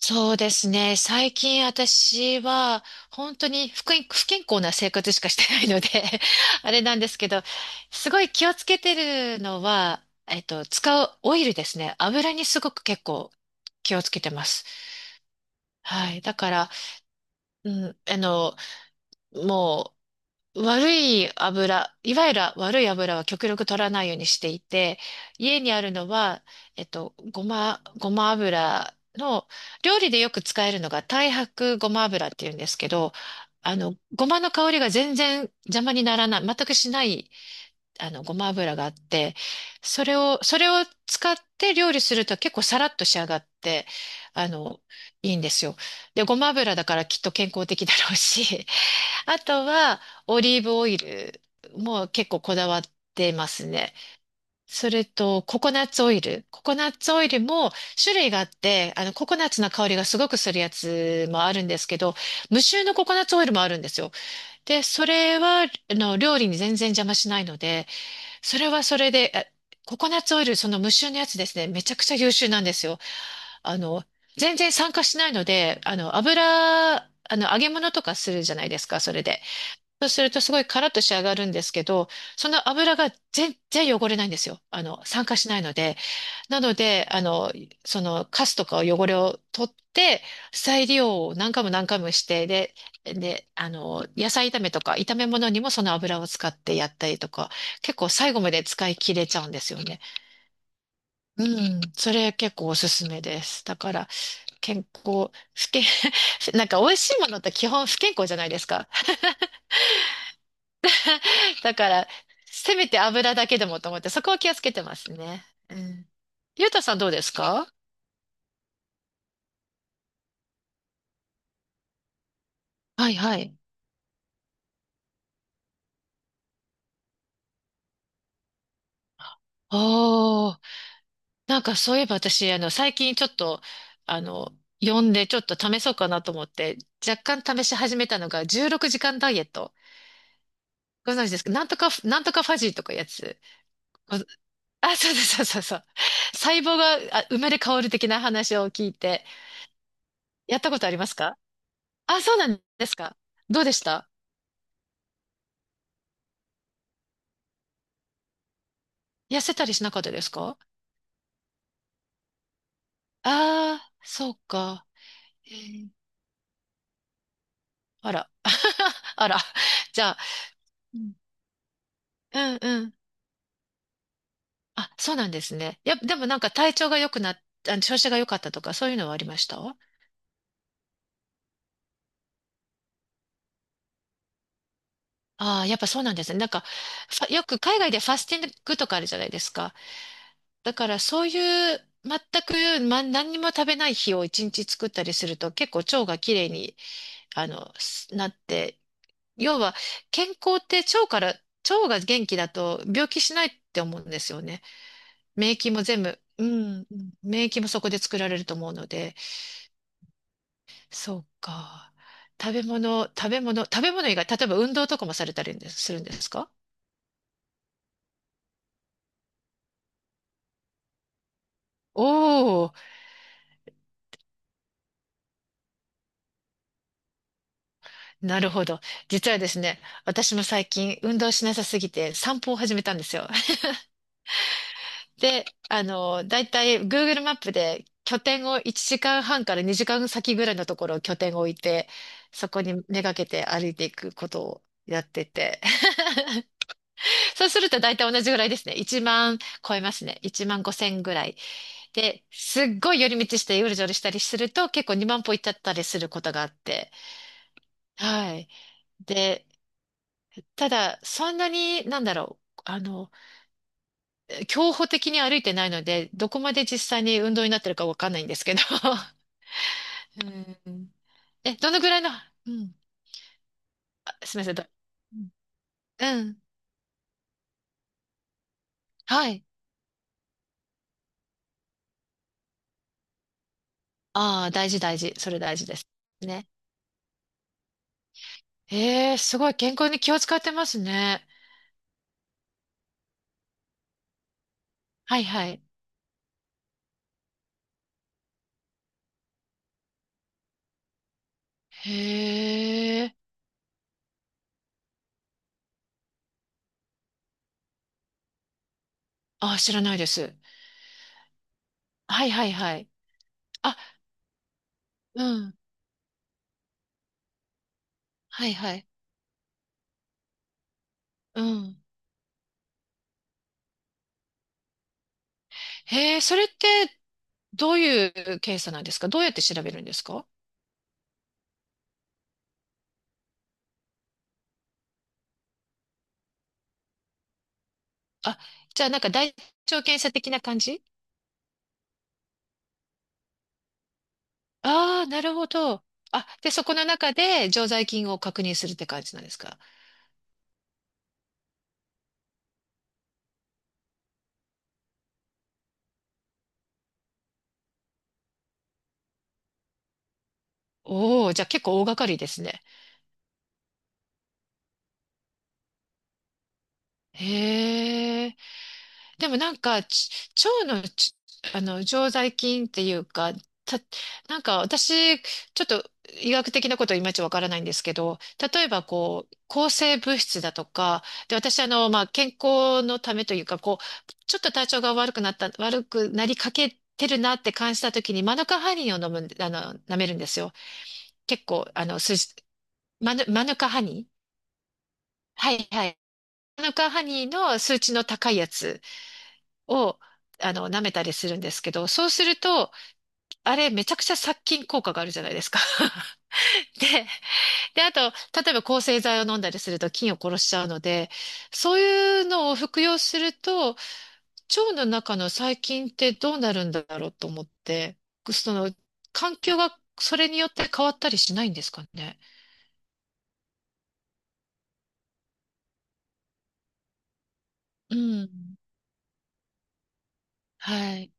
そうですね。最近私は本当に不健康な生活しかしてないので あれなんですけど、すごい気をつけてるのは、使うオイルですね。油にすごく結構気をつけてます。はい。だから、うん、もう悪い油、いわゆる悪い油は極力取らないようにしていて、家にあるのは、ごま油の、料理でよく使えるのが太白ごま油っていうんですけど、ごまの香りが全然邪魔にならない、全くしない、ごま油があって、それを使って料理すると結構サラッと仕上がって、あの、いいんですよ。で、ごま油だからきっと健康的だろうし、あとは、オリーブオイルも結構こだわってますね。それと、ココナッツオイル。ココナッツオイルも種類があって、ココナッツの香りがすごくするやつもあるんですけど、無臭のココナッツオイルもあるんですよ。で、それは、料理に全然邪魔しないので、それはそれで、ココナッツオイル、その無臭のやつですね、めちゃくちゃ優秀なんですよ。あの、全然酸化しないので、揚げ物とかするじゃないですか、それで。そうするとすごいカラッと仕上がるんですけど、その油が全然汚れないんですよ。酸化しないので。なので、そのカスとか汚れを取って、再利用を何回も何回もして、で、野菜炒めとか炒め物にもその油を使ってやったりとか、結構最後まで使い切れちゃうんですよね。うん、それ結構おすすめです。だから、健康、不健、なんか美味しいものって基本不健康じゃないですか。だから、せめて油だけでもと思って、そこは気をつけてますね。うん。ゆうたさんどうですか？はいはい。おー、なんかそういえば私、最近ちょっと、あの、読んでちょっと試そうかなと思って、若干試し始めたのが16時間ダイエット。ご存知ですか？なんとか、なんとかファジーとかいうやつ。ごあ、そうです。そうそうそう。細胞が生まれ変わる的な話を聞いて、やったことありますか？あ、そうなんですか？どうでした？痩せたりしなかったですか？ああ、そうか。えーあら。あら。じゃあ、うん、うんうん。あ、そうなんですね。やっぱ、でもなんか体調が良くなっ、調子が良かったとか、そういうのはありました？ああー、やっぱそうなんですね。なんか、よく海外でファスティングとかあるじゃないですか。だからそういう、全く、何にも食べない日を一日作ったりすると、結構腸がきれいに、すなって、要は、健康って腸から、腸が元気だと病気しないって思うんですよね。免疫も全部、うん、免疫もそこで作られると思うので、そうか。食べ物以外、例えば運動とかもされたりするんですか？おおー、なるほど。実はですね、私も最近運動しなさすぎて散歩を始めたんですよ。で、だいたい Google マップで拠点を1時間半から2時間先ぐらいのところを拠点を置いて、そこにめがけて歩いていくことをやってて。そうすると大体同じぐらいですね。1万超えますね。1万5千ぐらい。で、すっごい寄り道してうるじょるしたりすると結構2万歩行っちゃったりすることがあって。はい。で、ただ、そんなに、なんだろう。競歩的に歩いてないので、どこまで実際に運動になってるかわかんないんですけど。うん。え、どのぐらいの、うん。あ、すみません。うん。うん。はい。ああ、大事大事。それ大事です。ね。ええすごい健康に気を使ってますね。はいはい。へえ。あ、知らないです。はいはいはい。あ、うん。はいはい。うん。へえ、それってどういう検査なんですか？どうやって調べるんですか？あ、じゃあなんか大腸検査的な感じ？ああー、なるほど。あ、で、そこの中で常在菌を確認するって感じなんですか？おおー、じゃあ結構大掛かりですね。へえ。でもなんか、腸の常在菌っていうか、た、なんか私、ちょっと医学的なこといまいちわからないんですけど、例えばこう、抗生物質だとか、で、私まあ、健康のためというか、こう、ちょっと体調が悪くなった、悪くなりかけてるなって感じた時に、マヌカハニーを飲むん、舐めるんですよ。結構、マヌカハニー。はいはい。マヌカハニーの数値の高いやつを、舐めたりするんですけど、そうすると、あれめちゃくちゃ殺菌効果があるじゃないですか。で、あと、例えば抗生剤を飲んだりすると菌を殺しちゃうので、そういうのを服用すると、腸の中の細菌ってどうなるんだろうと思って、その、環境がそれによって変わったりしないんですかね。うん。はい。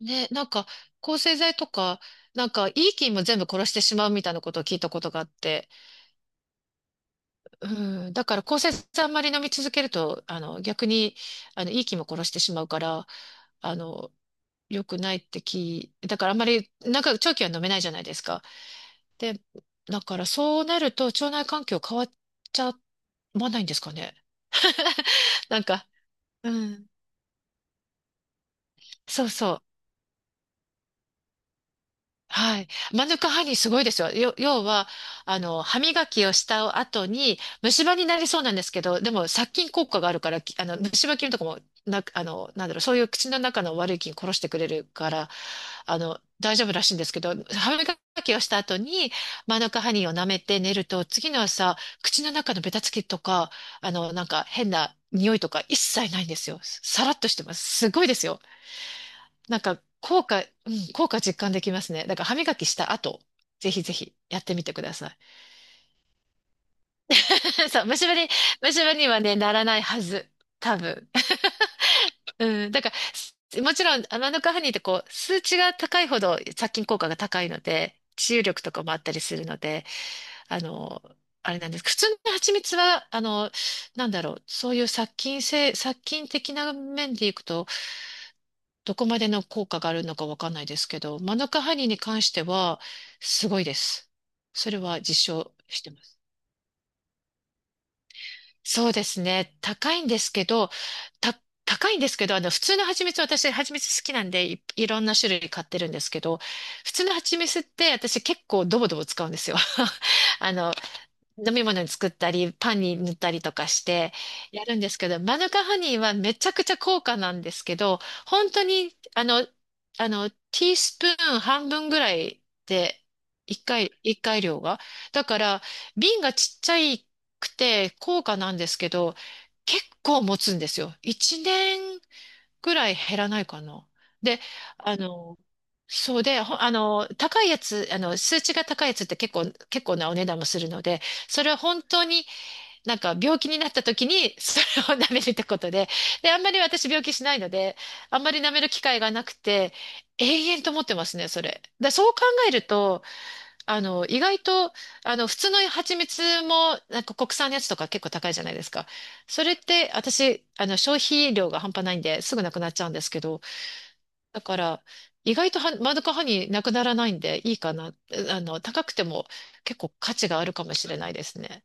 ね、なんか、抗生剤とか、なんか、いい菌も全部殺してしまうみたいなことを聞いたことがあって、うん、だから抗生剤あんまり飲み続けると、逆に、いい気も殺してしまうから、あの、良くないって。だからあんまり、なんか長期は飲めないじゃないですか。で、だからそうなると腸内環境変わっちゃわないんですかね。なんか、うん、そうそう。はい。マヌカハニーすごいですよ。要は、歯磨きをした後に、虫歯になりそうなんですけど、でも殺菌効果があるから、きあの、虫歯菌とかも、な、あの、なんだろう、そういう口の中の悪い菌殺してくれるから、大丈夫らしいんですけど、歯磨きをした後に、マヌカハニーを舐めて寝ると、次の朝、口の中のベタつきとか、なんか変な匂いとか一切ないんですよ。さらっとしてます。すごいですよ。なんか、うん、効果実感できますね。だから歯磨きした後、ぜひぜひやってみてください。そう、虫歯にはね、ならないはず。多分。うん、だから、もちろん、アマノカハニーってこう、数値が高いほど殺菌効果が高いので、治癒力とかもあったりするので、あの、あれなんです。普通の蜂蜜は、なんだろう、そういう殺菌性、殺菌的な面でいくと、どこまでの効果があるのかわかんないですけど、マヌカハニーに関しては、すごいです。それは実証してます。そうですね。た、高いんですけど、普通の蜂蜜、私、蜂蜜好きなんでいろんな種類買ってるんですけど、普通の蜂蜜って私結構ドボドボ使うんですよ。あの、飲み物に作ったり、パンに塗ったりとかしてやるんですけど、マヌカハニーはめちゃくちゃ高価なんですけど、本当に、ティースプーン半分ぐらいで、一回量が。だから、瓶がちっちゃいくて高価なんですけど、結構持つんですよ。一年くらい減らないかな。で、あの、そうで、ほあの、高いやつ、数値が高いやつって結構なお値段もするので、それは本当になんか病気になった時に それを 舐めるってことで、で、あんまり私病気しないので、あんまり舐める機会がなくて、永遠と思ってますね、それ。そう考えると、意外と、普通の蜂蜜も、なんか国産のやつとか結構高いじゃないですか。それって、私、消費量が半端ないんで、すぐなくなっちゃうんですけど、だから、意外とは、マヌカハニーなくならないんで、いいかな。えあの、高くても結構価値があるかもしれないですね。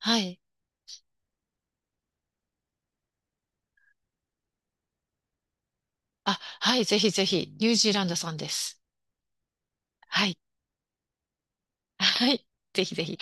はい。あ、はい、ぜひぜひ、ニュージーランドさんです。はい。はい。ぜひぜひ。